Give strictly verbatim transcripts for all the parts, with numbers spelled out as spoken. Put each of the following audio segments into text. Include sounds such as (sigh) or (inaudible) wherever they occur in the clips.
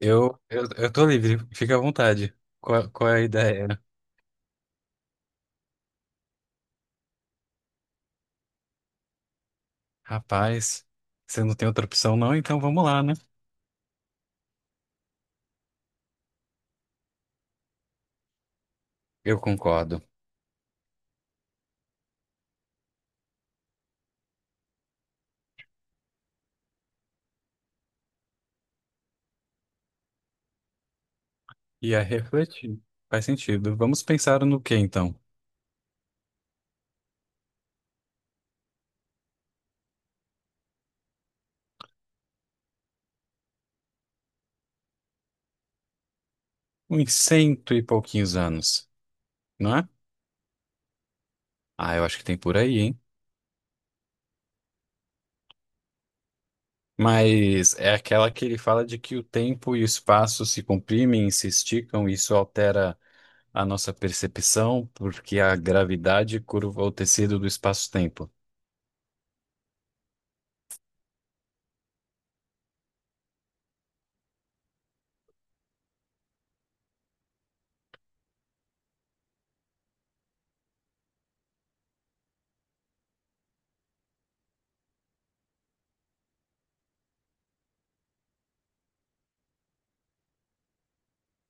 Eu, eu, eu tô livre, fica à vontade. Qual, qual é a ideia? Rapaz, você não tem outra opção não, então vamos lá, né? Eu concordo. E a refletir. Faz sentido. Vamos pensar no que então? Uns cento e pouquinhos anos, não é? Ah, eu acho que tem por aí, hein? Mas é aquela que ele fala de que o tempo e o espaço se comprimem, se esticam, e isso altera a nossa percepção, porque a gravidade curva o tecido do espaço-tempo.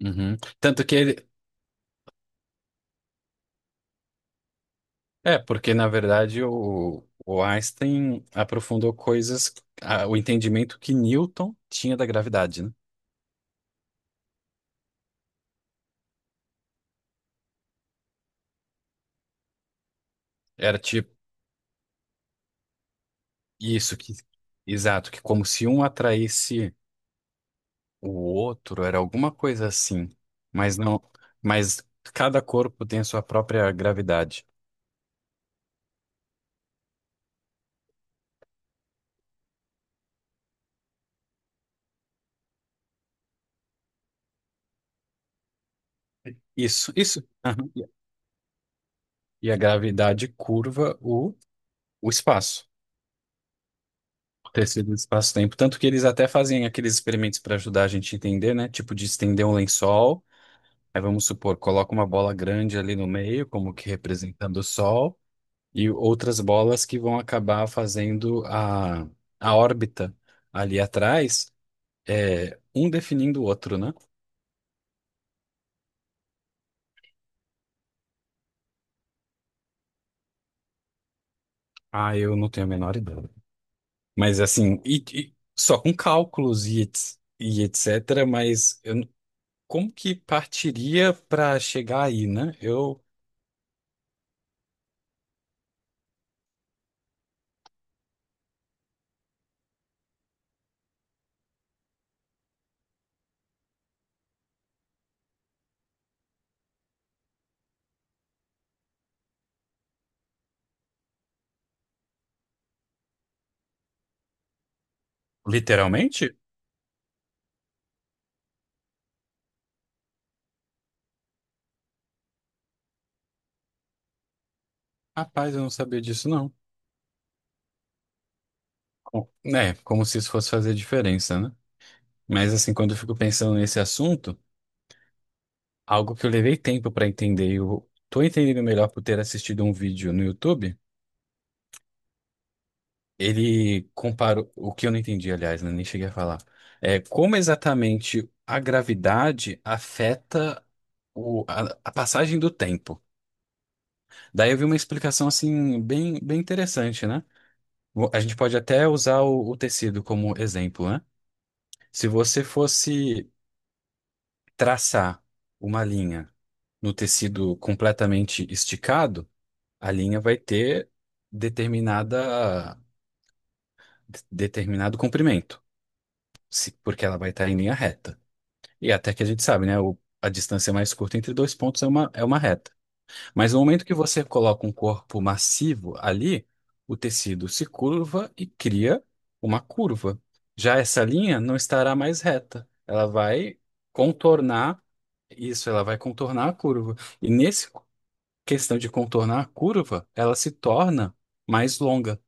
Uhum. Tanto que ele, é, porque na verdade o, o Einstein aprofundou coisas, a- o entendimento que Newton tinha da gravidade, né? Era tipo isso que, exato, que como se um atraísse o outro, era alguma coisa assim, mas não, mas cada corpo tem a sua própria gravidade. Isso, isso. Aham. E a gravidade curva o, o espaço. O tecido do espaço-tempo. Tanto que eles até fazem aqueles experimentos para ajudar a gente a entender, né? Tipo de estender um lençol. Aí vamos supor, coloca uma bola grande ali no meio, como que representando o Sol, e outras bolas que vão acabar fazendo a, a órbita ali atrás, é, um definindo o outro, né? Ah, eu não tenho a menor ideia. Mas assim, e- e só com cálculos e, ets- e etcétera, mas eu n- como que partiria para chegar aí, né? Eu, literalmente? Rapaz, eu não sabia disso, não. Com- Né? Como se isso fosse fazer diferença, né? Mas assim, quando eu fico pensando nesse assunto, algo que eu levei tempo para entender, eu tô entendendo melhor por ter assistido um vídeo no YouTube. Ele comparou o que eu não entendi, aliás, né, nem cheguei a falar. É como exatamente a gravidade afeta o- a, a passagem do tempo. Daí eu vi uma explicação assim bem, bem interessante, né? Vo- A gente pode até usar o, o tecido como exemplo, né? Se você fosse traçar uma linha no tecido completamente esticado, a linha vai ter determinada, de- determinado comprimento, se- porque ela vai estar em linha reta. E até que a gente sabe, né? O- a distância mais curta entre dois pontos é uma, é uma reta. Mas no momento que você coloca um corpo massivo ali, o tecido se curva e cria uma curva. Já essa linha não estará mais reta. Ela vai contornar. Isso, ela vai contornar a curva. E nesse questão de contornar a curva, ela se torna mais longa.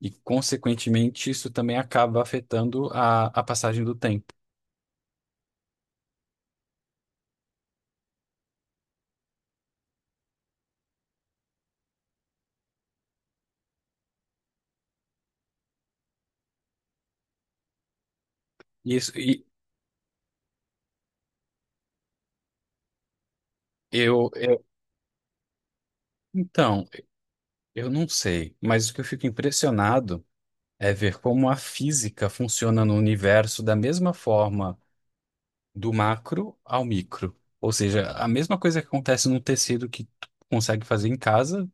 E, consequentemente, isso também acaba afetando a, a passagem do tempo. Isso, e eu, eu, então, eu não sei, mas o que eu fico impressionado é ver como a física funciona no universo da mesma forma do macro ao micro. Ou seja, a mesma coisa que acontece num tecido que tu consegue fazer em casa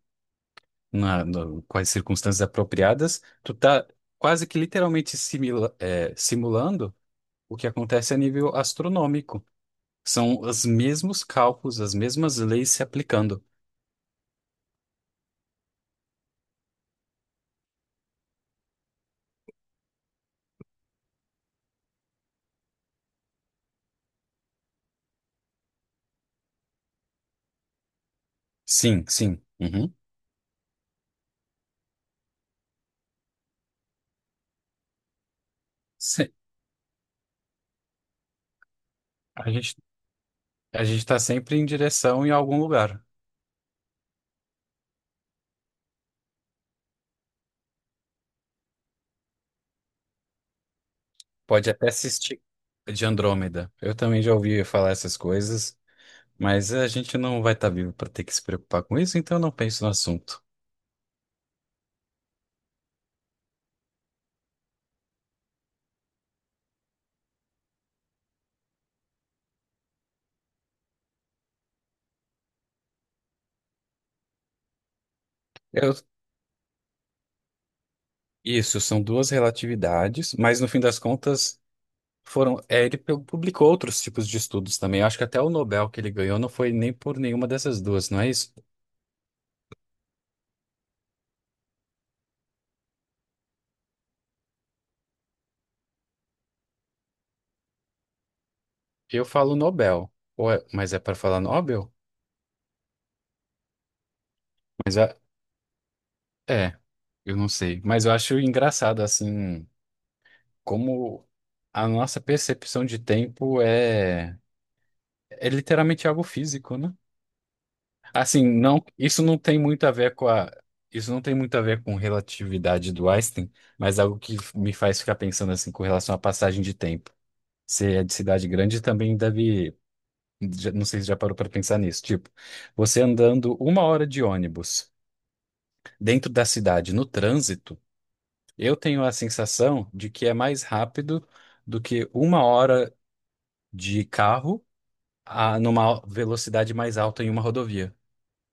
na, no- com as circunstâncias apropriadas, tu tá quase que literalmente simila- é, simulando o que acontece a nível astronômico. São os mesmos cálculos, as mesmas leis se aplicando. Sim, sim. Uhum. Se- a gente, a gente está sempre em direção em algum lugar. Pode até assistir de Andrômeda. Eu também já ouvi falar essas coisas, mas a gente não vai estar vivo para ter que se preocupar com isso, então eu não penso no assunto. Eu- isso, são duas relatividades, mas no fim das contas foram, é, ele pu- publicou outros tipos de estudos também. Eu acho que até o Nobel que ele ganhou não foi nem por nenhuma dessas duas, não é isso? Eu falo Nobel, ou é- mas é para falar Nobel? Mas é, é, eu não sei. Mas eu acho engraçado, assim, como a nossa percepção de tempo é, é literalmente algo físico, né? Assim, não, isso não tem muito a ver com a, isso não tem muito a ver com relatividade do Einstein, mas algo que me faz ficar pensando, assim, com relação à passagem de tempo. Você é de cidade grande e também deve. já- Não sei se já parou para pensar nisso. Tipo, você andando uma hora de ônibus dentro da cidade, no trânsito, eu tenho a sensação de que é mais rápido do que uma hora de carro a, numa velocidade mais alta em uma rodovia.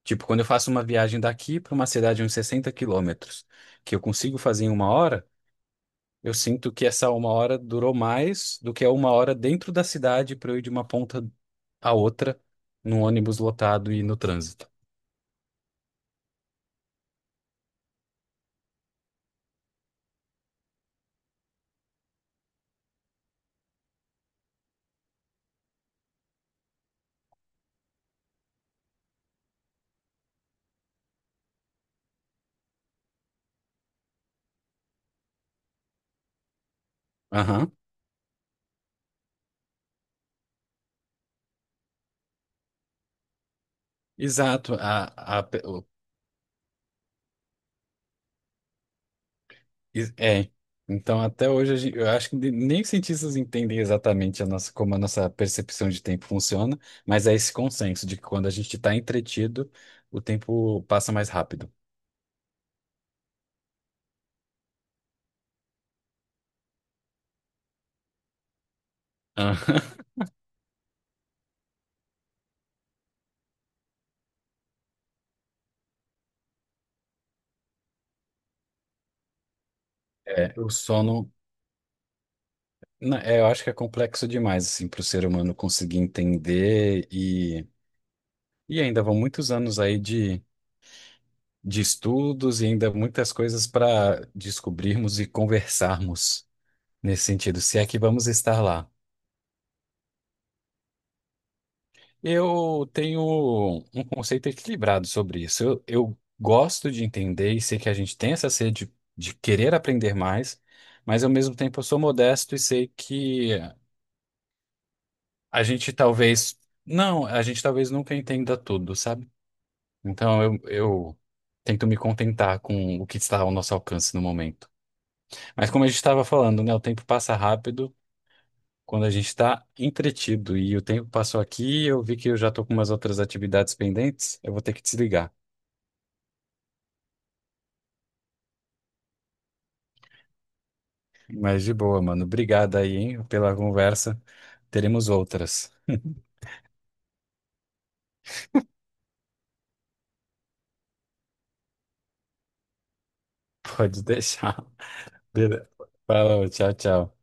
Tipo, quando eu faço uma viagem daqui para uma cidade de uns sessenta quilômetros, que eu consigo fazer em uma hora. Eu sinto que essa uma hora durou mais do que a uma hora dentro da cidade para eu ir de uma ponta à outra num ônibus lotado e no trânsito. Aham. Exato. A, a, pe- o- is- é. Então, até hoje, a gen- eu acho que nem os cientistas entendem exatamente a nossa, como a nossa percepção de tempo funciona, mas é esse consenso de que quando a gente está entretido, o tempo passa mais rápido. Aham. (laughs) É, o sono, na- é, eu acho que é complexo demais assim, para o ser humano conseguir entender. E ainda vão muitos anos aí de, de estudos e ainda muitas coisas para descobrirmos e conversarmos nesse sentido, se é que vamos estar lá. Eu tenho um conceito equilibrado sobre isso. Eu, eu gosto de entender e sei que a gente tem essa sede de querer aprender mais, mas ao mesmo tempo eu sou modesto e sei que a gente talvez, não, a gente talvez nunca entenda tudo, sabe? Então eu, eu tento me contentar com o que está ao nosso alcance no momento. Mas como a gente estava falando, né? O tempo passa rápido quando a gente está entretido. E o tempo passou aqui, eu vi que eu já estou com umas outras atividades pendentes. Eu vou ter que desligar. Mas de boa, mano. Obrigado aí, hein, pela conversa. Teremos outras. (laughs) Pode deixar. Beleza. Falou, tchau, tchau.